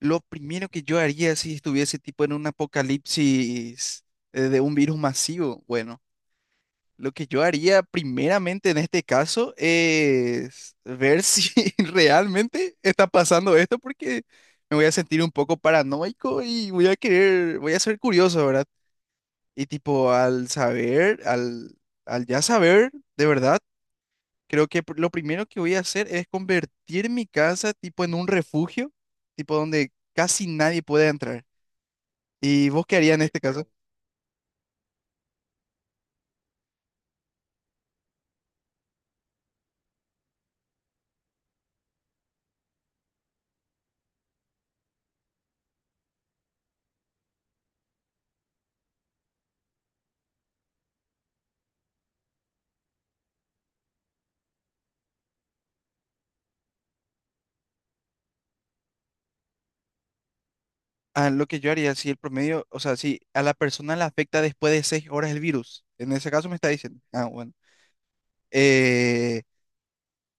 Lo primero que yo haría si estuviese tipo en un apocalipsis de un virus masivo, bueno, lo que yo haría primeramente en este caso es ver si realmente está pasando esto porque me voy a sentir un poco paranoico y voy a ser curioso, ¿verdad? Y tipo al saber, al ya saber, de verdad, creo que lo primero que voy a hacer es convertir mi casa tipo en un refugio, tipo donde casi nadie puede entrar. ¿Y vos qué harías en este caso? Ah, lo que yo haría, si el promedio, o sea, si a la persona le afecta después de 6 horas el virus, en ese caso me está diciendo, ah, bueno. Eh,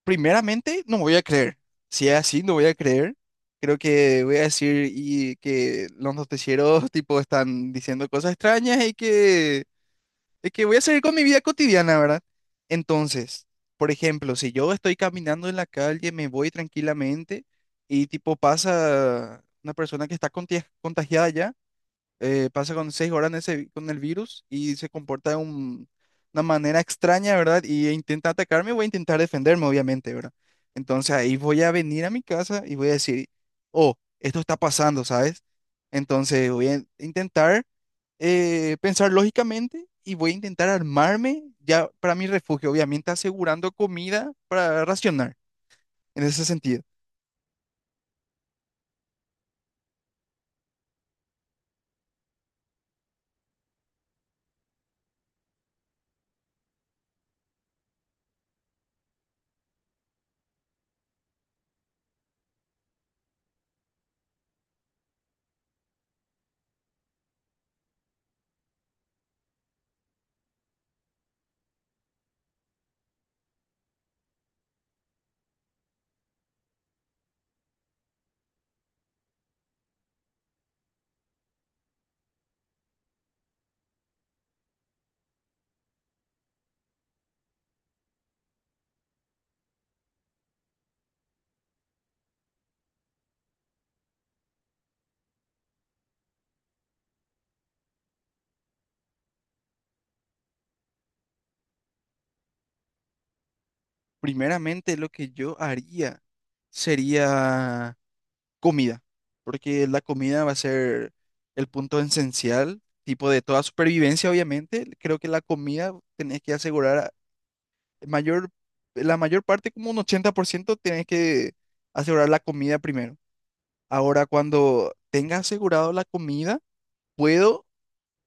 Primeramente no voy a creer, si es así, no voy a creer, creo que voy a decir y que los noticieros tipo están diciendo cosas extrañas y que de que voy a seguir con mi vida cotidiana, ¿verdad? Entonces, por ejemplo, si yo estoy caminando en la calle, me voy tranquilamente y tipo pasa una persona que está contagiada ya, pasa con 6 horas en ese con el virus y se comporta de una manera extraña, ¿verdad? Y intenta atacarme, voy a intentar defenderme, obviamente, ¿verdad? Entonces ahí voy a venir a mi casa y voy a decir, oh, esto está pasando, ¿sabes? Entonces voy a intentar pensar lógicamente y voy a intentar armarme ya para mi refugio, obviamente asegurando comida para racionar en ese sentido. Primeramente lo que yo haría sería comida, porque la comida va a ser el punto esencial, tipo de toda supervivencia, obviamente. Creo que la comida tenés que mayor, la mayor parte, como un 80% tenés que asegurar la comida primero. Ahora, cuando tenga asegurado la comida, puedo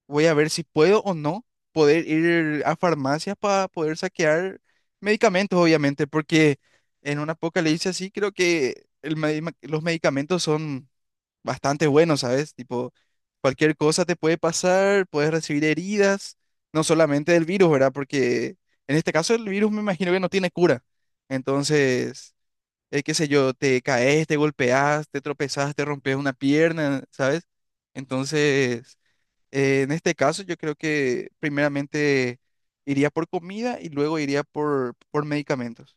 voy a ver si puedo o no poder ir a farmacias para poder saquear medicamentos, obviamente, porque en un apocalipsis así creo que los medicamentos son bastante buenos, ¿sabes? Tipo, cualquier cosa te puede pasar, puedes recibir heridas, no solamente del virus, ¿verdad? Porque en este caso el virus me imagino que no tiene cura. Entonces, qué sé yo, te caes, te golpeas, te tropezas, te rompes una pierna, ¿sabes? Entonces... en este caso, yo creo que primeramente iría por comida y luego iría por medicamentos.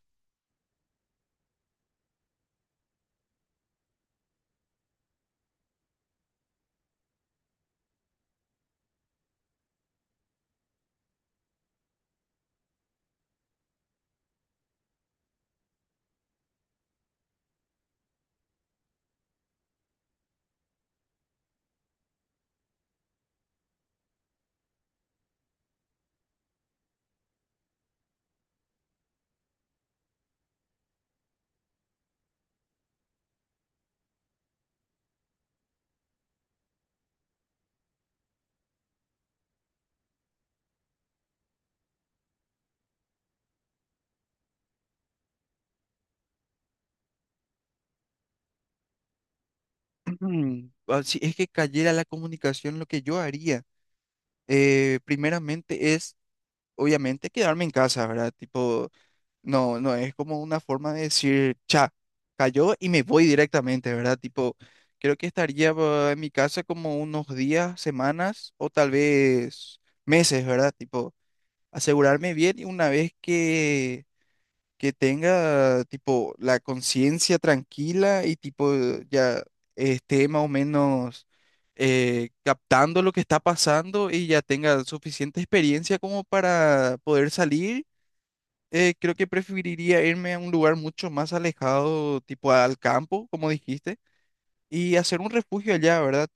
Ah, si es que cayera la comunicación, lo que yo haría, primeramente es, obviamente, quedarme en casa, ¿verdad? Tipo, no, no es como una forma de decir, cha, cayó y me voy directamente, ¿verdad? Tipo, creo que estaría ah, en mi casa como unos días, semanas o tal vez meses, ¿verdad? Tipo, asegurarme bien y una vez que tenga tipo la conciencia tranquila y tipo ya esté más o menos captando lo que está pasando y ya tenga suficiente experiencia como para poder salir. Eh, creo que preferiría irme a un lugar mucho más alejado, tipo al campo, como dijiste, y hacer un refugio allá, ¿verdad?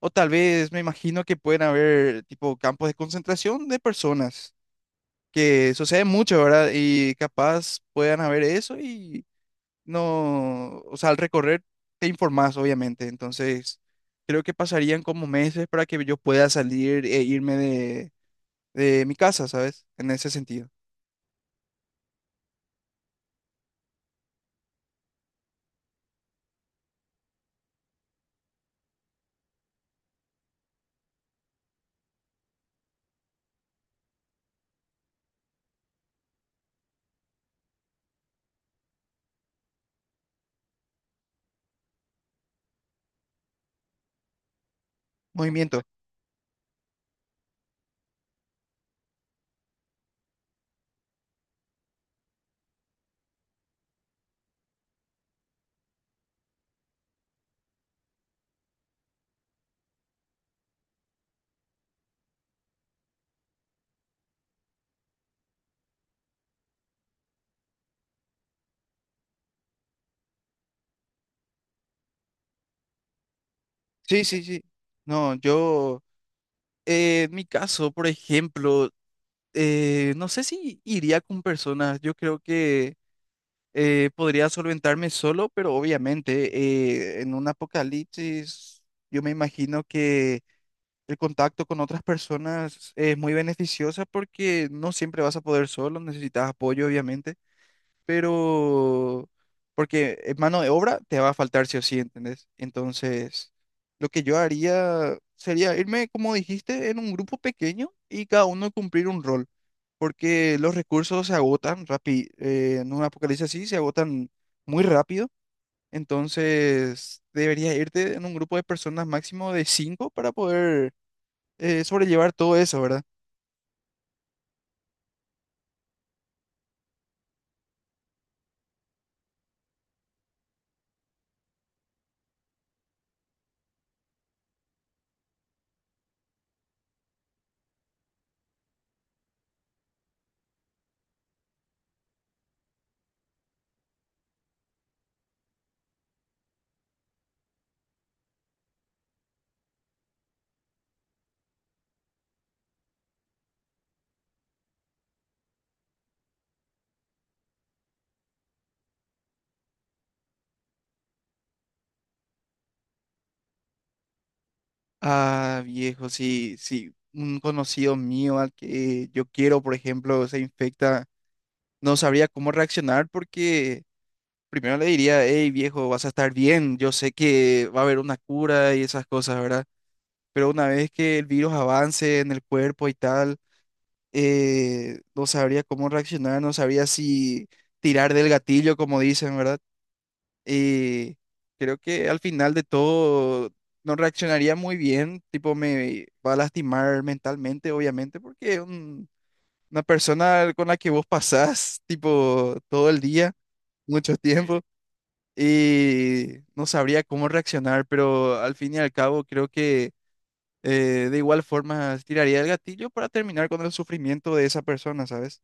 O tal vez me imagino que pueden haber tipo campos de concentración de personas, que sucede mucho, ¿verdad? Y capaz puedan haber eso y no, o sea, al recorrer te informás, obviamente. Entonces, creo que pasarían como meses para que yo pueda salir e irme de mi casa, ¿sabes? En ese sentido. Movimiento. Sí, sí, sí. No, yo, en mi caso, por ejemplo, no sé si iría con personas. Yo creo que podría solventarme solo, pero obviamente en un apocalipsis, yo me imagino que el contacto con otras personas es muy beneficiosa porque no siempre vas a poder solo, necesitas apoyo, obviamente, pero porque mano de obra te va a faltar sí o sí, ¿entendés? Entonces, lo que yo haría sería irme, como dijiste, en un grupo pequeño y cada uno cumplir un rol, porque los recursos se agotan rápido, en un apocalipsis así se agotan muy rápido, entonces deberías irte en un grupo de personas máximo de cinco para poder sobrellevar todo eso, ¿verdad? Ah, viejo, si un conocido mío al que yo quiero, por ejemplo, se infecta, no sabría cómo reaccionar porque primero le diría, hey, viejo, vas a estar bien, yo sé que va a haber una cura y esas cosas, ¿verdad? Pero una vez que el virus avance en el cuerpo y tal, no sabría cómo reaccionar, no sabría si tirar del gatillo, como dicen, ¿verdad? Y creo que al final de todo no reaccionaría muy bien, tipo me va a lastimar mentalmente, obviamente, porque una persona con la que vos pasás, tipo, todo el día, mucho tiempo, y no sabría cómo reaccionar, pero al fin y al cabo creo que de igual forma tiraría el gatillo para terminar con el sufrimiento de esa persona, ¿sabes?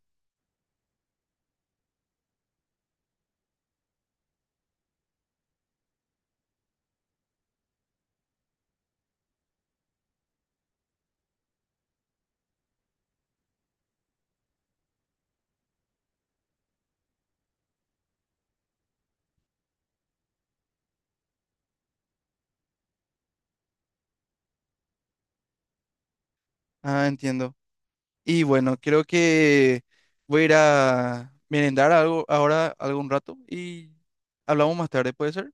Ah, entiendo. Y bueno, creo que voy a ir a merendar algo ahora algún rato y hablamos más tarde, ¿puede ser?